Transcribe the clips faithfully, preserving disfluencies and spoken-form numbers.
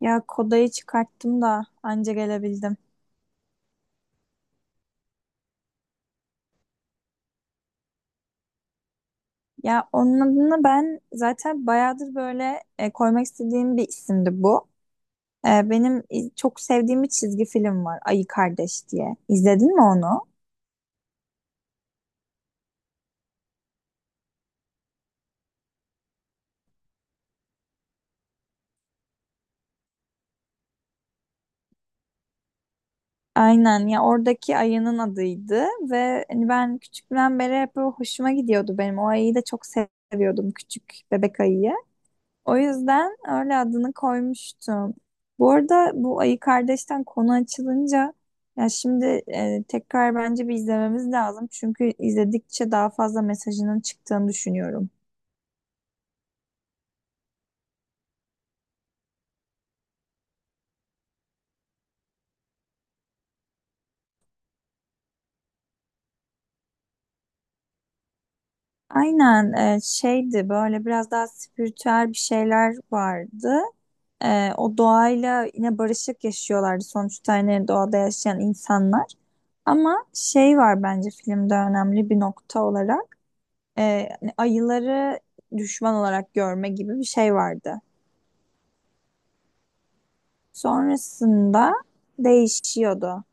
Ya kodayı çıkarttım da anca gelebildim. Ya onun adını ben zaten bayağıdır böyle e, koymak istediğim bir isimdi bu. E, benim iz- çok sevdiğim bir çizgi film var Ayı Kardeş diye. İzledin mi onu? Aynen ya oradaki ayının adıydı ve hani ben küçüklüğümden beri hep böyle hoşuma gidiyordu benim. O ayıyı da çok seviyordum küçük bebek ayıyı. O yüzden öyle adını koymuştum. Bu arada bu Ayı Kardeş'ten konu açılınca ya şimdi e, tekrar bence bir izlememiz lazım. Çünkü izledikçe daha fazla mesajının çıktığını düşünüyorum. Aynen, e, şeydi böyle biraz daha spiritüel bir şeyler vardı. E, o doğayla yine barışık yaşıyorlardı sonuçta hani doğada yaşayan insanlar. Ama şey var bence filmde önemli bir nokta olarak. E, hani ayıları düşman olarak görme gibi bir şey vardı. Sonrasında değişiyordu.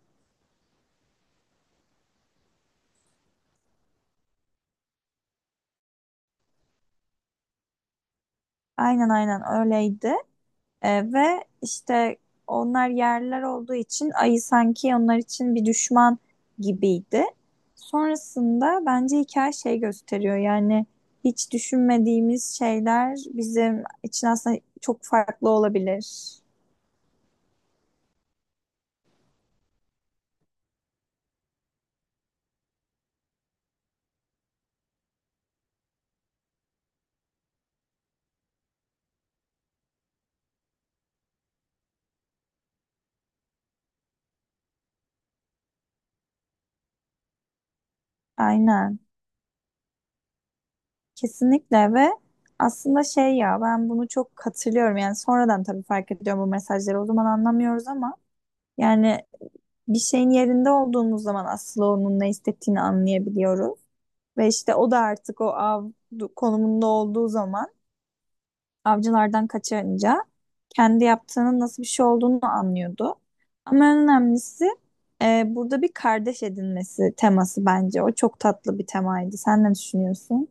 Aynen, aynen öyleydi. E, ve işte onlar yerler olduğu için ayı sanki onlar için bir düşman gibiydi. Sonrasında bence hikaye şey gösteriyor, yani hiç düşünmediğimiz şeyler bizim için aslında çok farklı olabilir. Aynen. Kesinlikle ve aslında şey, ya ben bunu çok hatırlıyorum, yani sonradan tabii fark ediyorum bu mesajları, o zaman anlamıyoruz ama yani bir şeyin yerinde olduğumuz zaman aslında onun ne istediğini anlayabiliyoruz ve işte o da artık o av konumunda olduğu zaman avcılardan kaçınca kendi yaptığının nasıl bir şey olduğunu anlıyordu ama en önemlisi, e, burada bir kardeş edinmesi teması, bence o çok tatlı bir temaydı. Sen ne düşünüyorsun?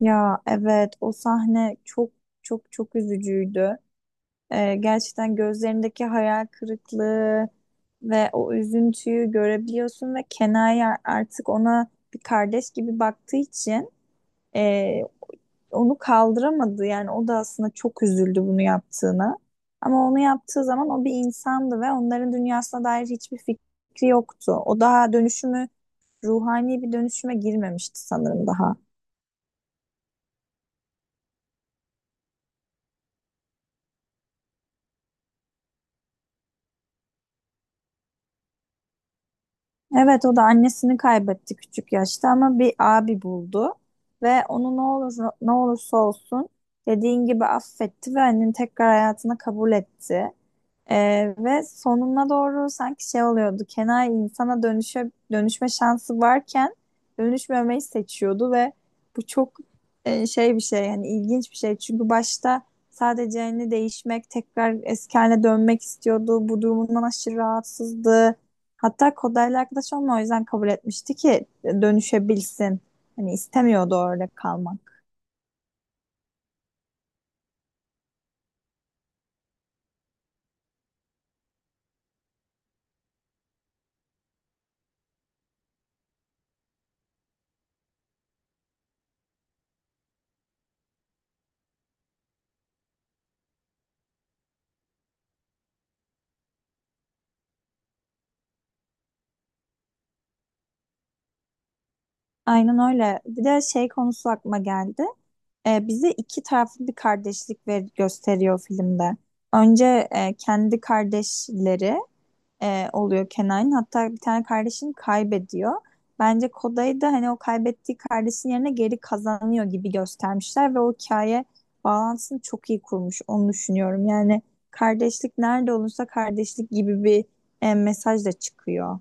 Ya evet o sahne çok çok çok üzücüydü. Ee, gerçekten gözlerindeki hayal kırıklığı ve o üzüntüyü görebiliyorsun ve Kenai artık ona bir kardeş gibi baktığı için e, onu kaldıramadı. Yani o da aslında çok üzüldü bunu yaptığına. Ama onu yaptığı zaman o bir insandı ve onların dünyasına dair hiçbir fikri yoktu. O daha dönüşümü, ruhani bir dönüşüme girmemişti sanırım daha. Evet o da annesini kaybetti küçük yaşta ama bir abi buldu ve onu ne olur ne olursa olsun dediğin gibi affetti ve annenin tekrar hayatına kabul etti. Ee, ve sonuna doğru sanki şey oluyordu. Kenai insana dönüşe, dönüşme şansı varken dönüşmemeyi seçiyordu ve bu çok e, şey bir şey, yani ilginç bir şey. Çünkü başta sadece hani değişmek, tekrar eski haline dönmek istiyordu. Bu durumundan aşırı rahatsızdı. Hatta Koda'yla arkadaş olma o yüzden kabul etmişti ki dönüşebilsin. Hani istemiyordu orada kalmak. Aynen öyle. Bir de şey konusu aklıma geldi. E, bize iki taraflı bir kardeşlik ver gösteriyor filmde. Önce e, kendi kardeşleri e, oluyor Kenan'ın. Hatta bir tane kardeşini kaybediyor. Bence Koday da hani o kaybettiği kardeşin yerine geri kazanıyor gibi göstermişler ve o hikaye bağlantısını çok iyi kurmuş. Onu düşünüyorum. Yani kardeşlik nerede olursa kardeşlik gibi bir e, mesaj da çıkıyor.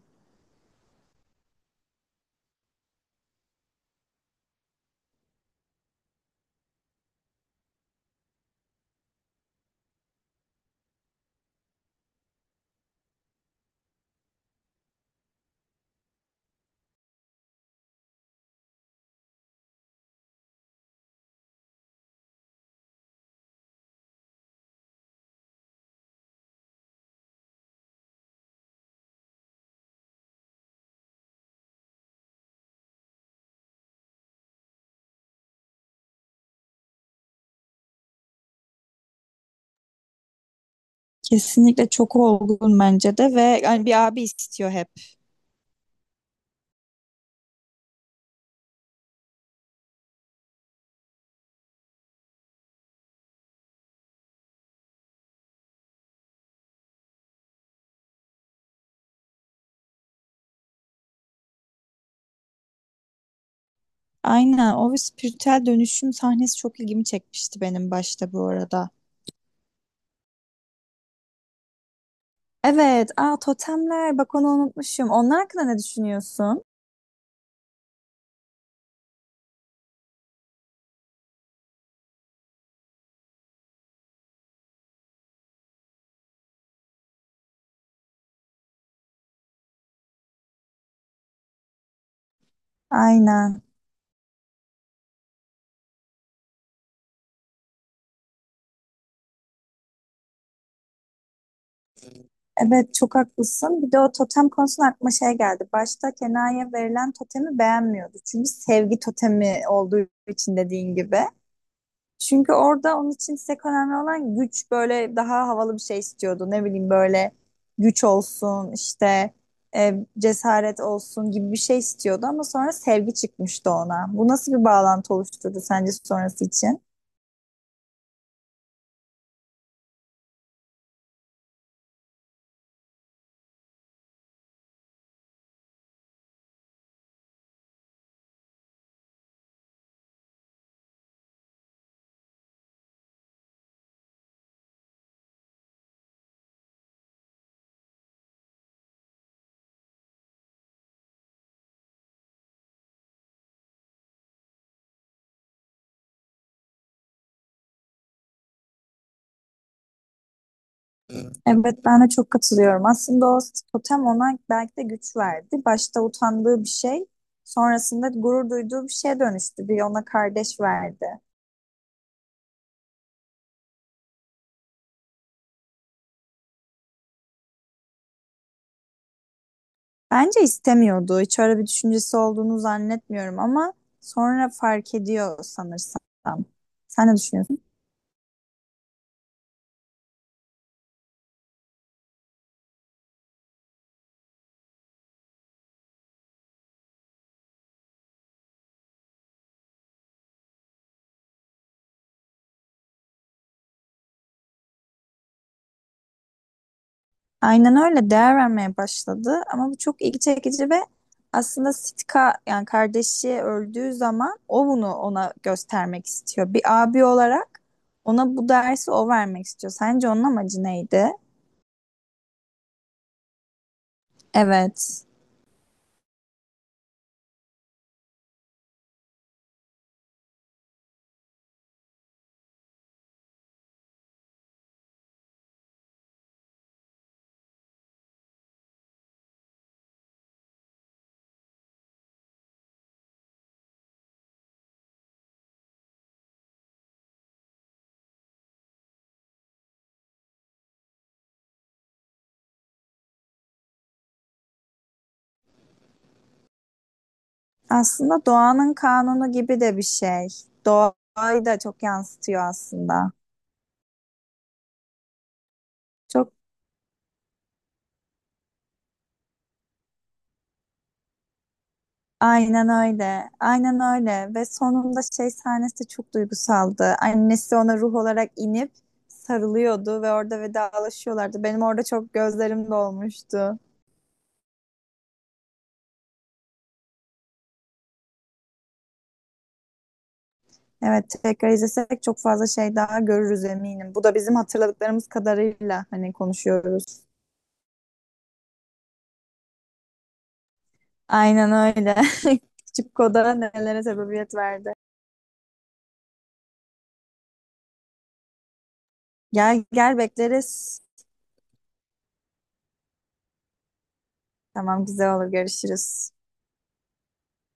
Kesinlikle çok olgun bence de, ve yani bir abi istiyor hep. Aynen o spiritüel dönüşüm sahnesi çok ilgimi çekmişti benim başta bu arada. Evet, aa totemler bak onu unutmuşum. Onlar hakkında ne düşünüyorsun? Aynen. Evet çok haklısın. Bir de o totem konusunda aklıma şey geldi. Başta Kenan'ya verilen totemi beğenmiyordu. Çünkü sevgi totemi olduğu için, dediğin gibi. Çünkü orada onun için tek önemli olan güç, böyle daha havalı bir şey istiyordu. Ne bileyim böyle güç olsun işte e, cesaret olsun gibi bir şey istiyordu ama sonra sevgi çıkmıştı ona. Bu nasıl bir bağlantı oluşturdu sence sonrası için? Evet ben de çok katılıyorum. Aslında o totem ona belki de güç verdi. Başta utandığı bir şey sonrasında gurur duyduğu bir şeye dönüştü. Bir ona kardeş verdi. Bence istemiyordu. Hiç öyle bir düşüncesi olduğunu zannetmiyorum ama sonra fark ediyor sanırsam. Sen ne düşünüyorsun? Aynen öyle, değer vermeye başladı ama bu çok ilgi çekici ve aslında Sitka yani kardeşi öldüğü zaman o bunu ona göstermek istiyor. Bir abi olarak ona bu dersi o vermek istiyor. Sence onun amacı neydi? Evet. Aslında doğanın kanunu gibi de bir şey. Doğayı da çok yansıtıyor aslında. Çok aynen öyle. Aynen öyle. Ve sonunda şey sahnesi çok duygusaldı. Annesi ona ruh olarak inip sarılıyordu ve orada vedalaşıyorlardı. Benim orada çok gözlerim dolmuştu. Evet, tekrar izlesek çok fazla şey daha görürüz eminim. Bu da bizim hatırladıklarımız kadarıyla hani konuşuyoruz. Aynen öyle. Küçük Koda nelere sebebiyet verdi. Gel gel bekleriz. Tamam güzel olur, görüşürüz.